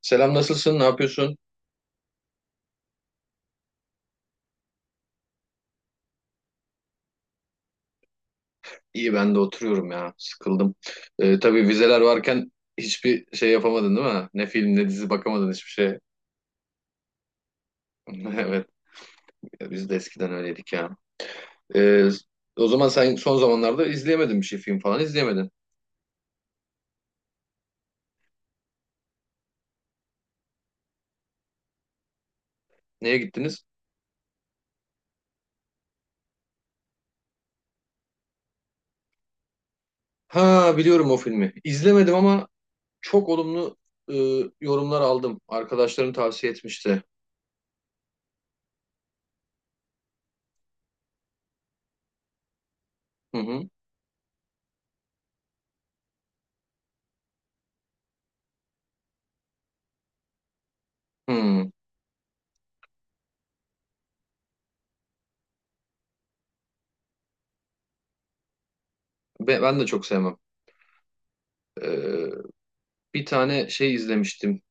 Selam, nasılsın? Ne yapıyorsun? İyi, ben de oturuyorum ya. Sıkıldım. Tabii vizeler varken hiçbir şey yapamadın değil mi? Ne film ne dizi bakamadın hiçbir şey. Evet, biz de eskiden öyleydik ya. Ee, o zaman sen son zamanlarda izleyemedin, bir şey film falan izleyemedin. Neye gittiniz? Ha, biliyorum o filmi. İzlemedim ama çok olumlu e, yorumlar aldım. Arkadaşlarım tavsiye etmişti. Hı hı. Hı. Ben de çok sevmem. Ee, bir tane şey izlemiştim.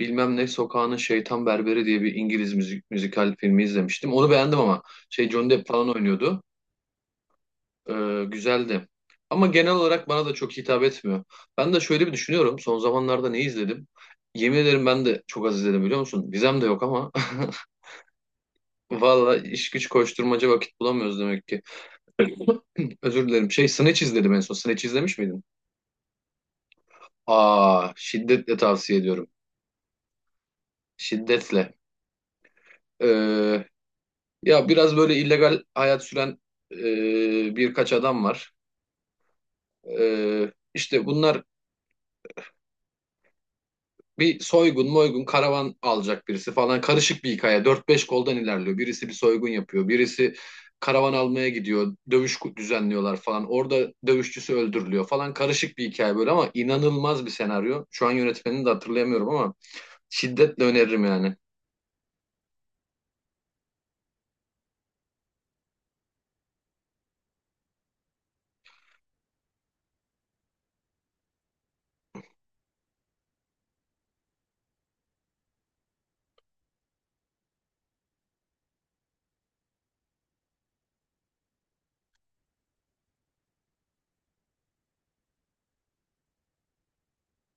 Bilmem ne sokağının şeytan berberi diye bir İngiliz müzikal filmi izlemiştim. Onu beğendim ama şey, Johnny Depp falan oynuyordu. Güzeldi. Ama genel olarak bana da çok hitap etmiyor. Ben de şöyle bir düşünüyorum. Son zamanlarda ne izledim? Yemin ederim ben de çok az izledim, biliyor musun? Vizem de yok ama. Valla iş güç koşturmaca, vakit bulamıyoruz demek ki. Özür dilerim. Şey, Snatch izledim en son. Snatch izlemiş miydin? Aa, şiddetle tavsiye ediyorum. Şiddetle. Ee, Ya biraz böyle illegal hayat süren birkaç adam var. İşte bunlar bir soygun moygun, karavan alacak birisi falan. Karışık bir hikaye. Dört beş koldan ilerliyor. Birisi bir soygun yapıyor. Birisi karavan almaya gidiyor. Dövüş düzenliyorlar falan. Orada dövüşçüsü öldürülüyor falan. Karışık bir hikaye böyle ama inanılmaz bir senaryo. Şu an yönetmenini de hatırlayamıyorum ama şiddetle öneririm yani.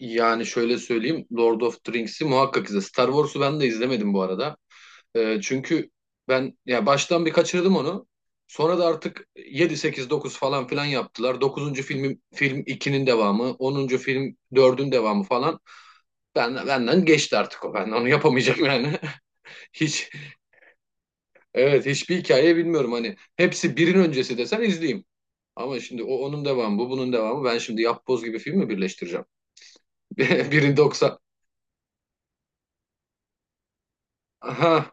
Yani şöyle söyleyeyim, Lord of the Rings'i muhakkak izle. Star Wars'u ben de izlemedim bu arada. Çünkü ben ya baştan bir kaçırdım onu. Sonra da artık 7 8 9 falan filan yaptılar. Dokuzuncu film ikinin devamı, onuncu film dördün devamı falan. Ben, benden geçti artık o. Ben onu yapamayacağım yani. Hiç, evet, hiçbir hikaye bilmiyorum hani. Hepsi birin öncesi desen izleyeyim. Ama şimdi o onun devamı, bu bunun devamı. Ben şimdi yapboz gibi film mi birleştireceğim? Birin 90. Aha,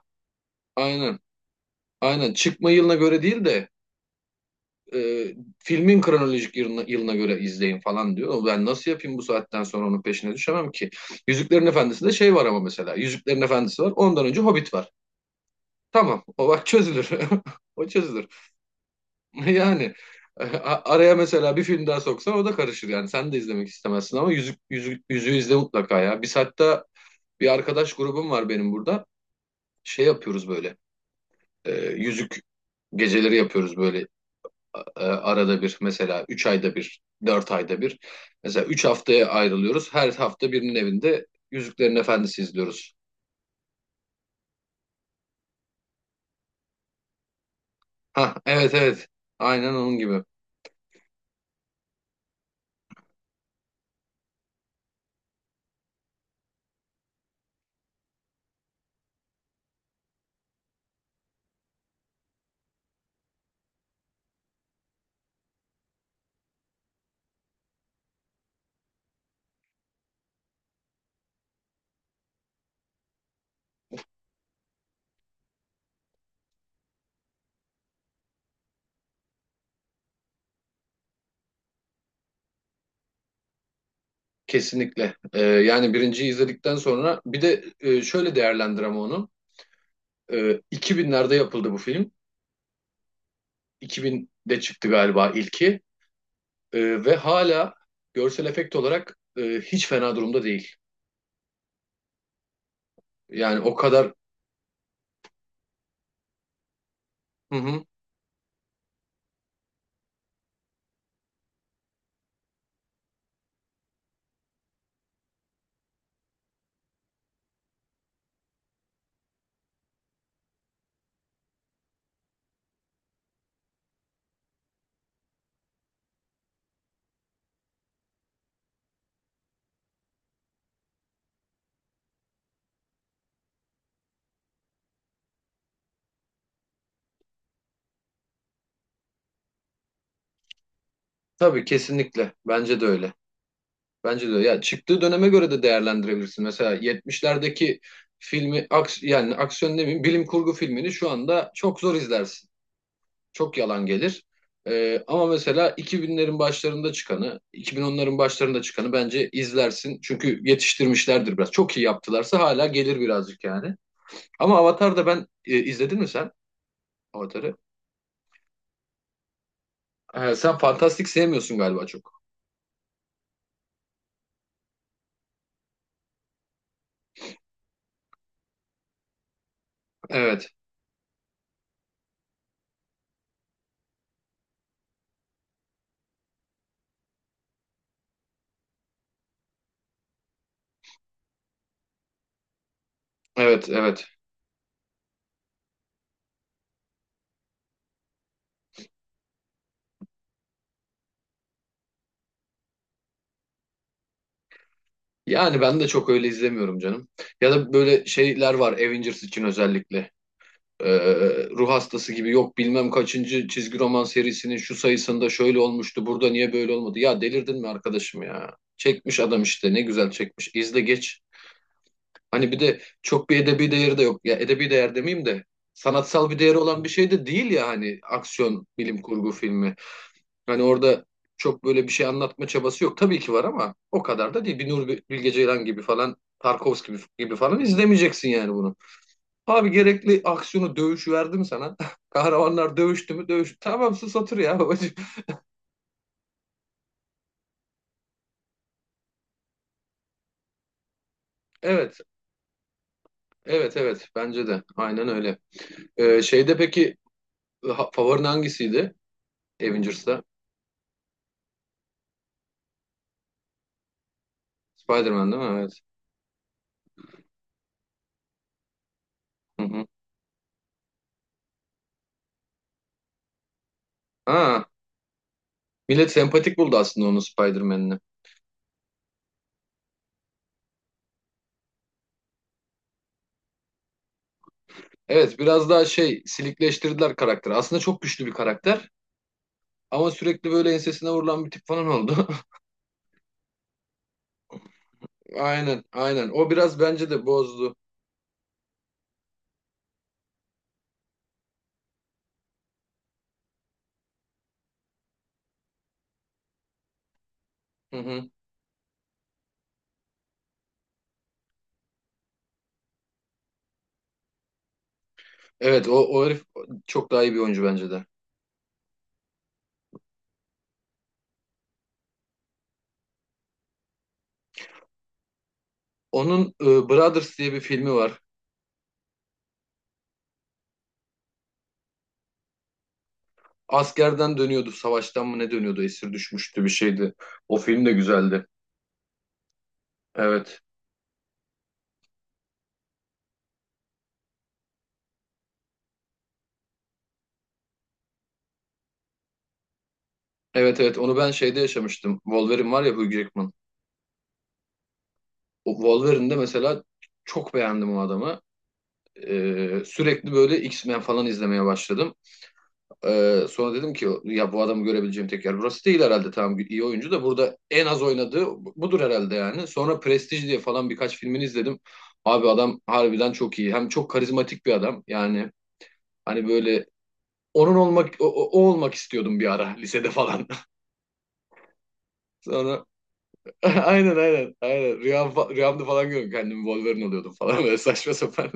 aynen. Aynen. Çıkma yılına göre değil de e, filmin kronolojik yılına göre izleyin falan diyor. Ben nasıl yapayım, bu saatten sonra onun peşine düşemem ki. Yüzüklerin Efendisi'nde şey var ama mesela. Yüzüklerin Efendisi var. Ondan önce Hobbit var. Tamam. O bak çözülür. O çözülür. Yani e, araya mesela bir film daha soksan o da karışır yani. Sen de izlemek istemezsin ama yüzüğü izle mutlaka ya. Biz hatta bir arkadaş grubum var benim burada. Şey yapıyoruz böyle. Yüzük geceleri yapıyoruz böyle, arada bir mesela 3 ayda bir, 4 ayda bir. Mesela 3 haftaya ayrılıyoruz. Her hafta birinin evinde Yüzüklerin Efendisi izliyoruz. Ha, evet, evet. Aynen onun gibi. Kesinlikle. Yani birinciyi izledikten sonra bir de şöyle değerlendirem onu. 2000'lerde yapıldı bu film. 2000'de çıktı galiba ilki. Ve hala görsel efekt olarak hiç fena durumda değil. Yani o kadar... Hı hı. Tabii, kesinlikle. Bence de öyle. Bence de ya, çıktığı döneme göre de değerlendirebilirsin. Mesela 70'lerdeki filmi, yani aksiyon ne bileyim bilim kurgu filmini şu anda çok zor izlersin. Çok yalan gelir. Ama mesela 2000'lerin başlarında çıkanı, 2010'ların başlarında çıkanı bence izlersin. Çünkü yetiştirmişlerdir biraz. Çok iyi yaptılarsa hala gelir birazcık yani. Ama Avatar'da ben izledin mi sen Avatar'ı? Sen fantastik sevmiyorsun galiba çok. Evet. Evet, evet. Yani ben de çok öyle izlemiyorum canım. Ya da böyle şeyler var Avengers için özellikle. Ruh hastası gibi, yok bilmem kaçıncı çizgi roman serisinin şu sayısında şöyle olmuştu, burada niye böyle olmadı. Ya, delirdin mi arkadaşım ya? Çekmiş adam işte, ne güzel çekmiş. İzle geç. Hani bir de çok bir edebi değeri de yok. Ya edebi değer demeyeyim de sanatsal bir değeri olan bir şey de değil ya, hani aksiyon bilim kurgu filmi. Hani orada çok böyle bir şey anlatma çabası yok. Tabii ki var ama o kadar da değil. Bir Nuri Bilge Ceylan gibi falan, Tarkovski gibi falan izlemeyeceksin yani bunu. Abi, gerekli aksiyonu, dövüş verdim sana. Kahramanlar dövüştü mü? Dövüş. Tamam, sus otur ya babacığım. Evet, evet, evet. Bence de. Aynen öyle. Şeyde peki favorin hangisiydi? Avengers'ta. Spider-Man değil mi? Evet. Hı hı. Ha, millet sempatik buldu aslında onu, Spider-Man'ini. Evet, biraz daha şey, silikleştirdiler karakteri. Aslında çok güçlü bir karakter. Ama sürekli böyle ensesine vurulan bir tip falan oldu. Aynen, aynen. O biraz bence de bozdu. Hı hı. Evet, o herif çok daha iyi bir oyuncu bence de. Onun Brothers diye bir filmi var. Askerden dönüyordu, savaştan mı ne dönüyordu, esir düşmüştü bir şeydi. O film de güzeldi. Evet. Evet, evet, onu ben şeyde yaşamıştım. Wolverine var ya, Hugh Jackman. O Wolverine'de mesela çok beğendim o adamı. Sürekli böyle X-Men falan izlemeye başladım. Sonra dedim ki ya bu adamı görebileceğim tek yer burası değil herhalde, tamam iyi oyuncu da burada en az oynadığı budur herhalde yani. Sonra Prestige diye falan birkaç filmini izledim. Abi adam harbiden çok iyi. Hem çok karizmatik bir adam. Yani hani böyle onun olmak o olmak istiyordum bir ara lisede falan. Sonra aynen, aynen, aynen, rüyamda falan görüyorum kendimi, Wolverine oluyordum falan, böyle saçma sapan.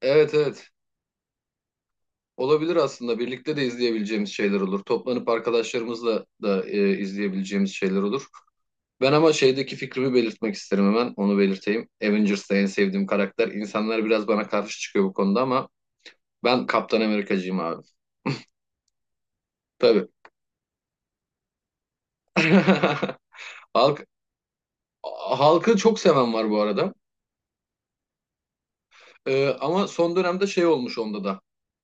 Evet, evet. Olabilir aslında. Birlikte de izleyebileceğimiz şeyler olur. Toplanıp arkadaşlarımızla da izleyebileceğimiz şeyler olur. Ben ama şeydeki fikrimi belirtmek isterim hemen. Onu belirteyim. Avengers'ta en sevdiğim karakter. İnsanlar biraz bana karşı çıkıyor bu konuda ama ben Kaptan Amerikacıyım abi. Tabii. Halk, halkı çok seven var bu arada. Ama son dönemde şey olmuş onda da.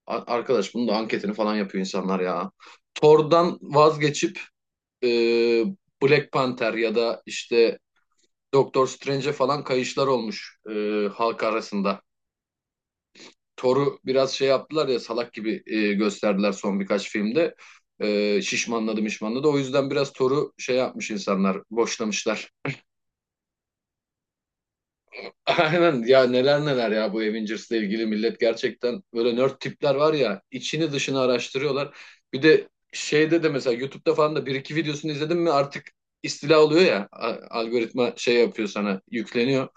Arkadaş bunun da anketini falan yapıyor insanlar ya. Thor'dan vazgeçip e, Black Panther ya da işte Doctor Strange'e falan kayışlar olmuş halk arasında. Thor'u biraz şey yaptılar ya, salak gibi gösterdiler son birkaç filmde. Şişmanladı mişmanladı. O yüzden biraz Thor'u şey yapmış insanlar, boşlamışlar. Aynen ya, neler neler ya, bu Avengers'le ilgili millet gerçekten böyle nerd tipler var ya, içini dışını araştırıyorlar. Bir de şeyde de mesela YouTube'da falan da bir iki videosunu izledim mi artık istila oluyor ya, algoritma şey yapıyor, sana yükleniyor.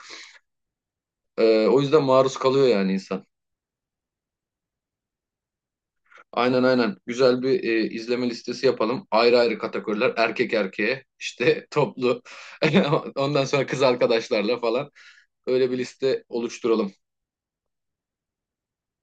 O yüzden maruz kalıyor yani insan. Aynen, aynen. Güzel bir izleme listesi yapalım. Ayrı ayrı kategoriler. Erkek erkeğe, işte, toplu. Ondan sonra kız arkadaşlarla falan. Öyle bir liste oluşturalım.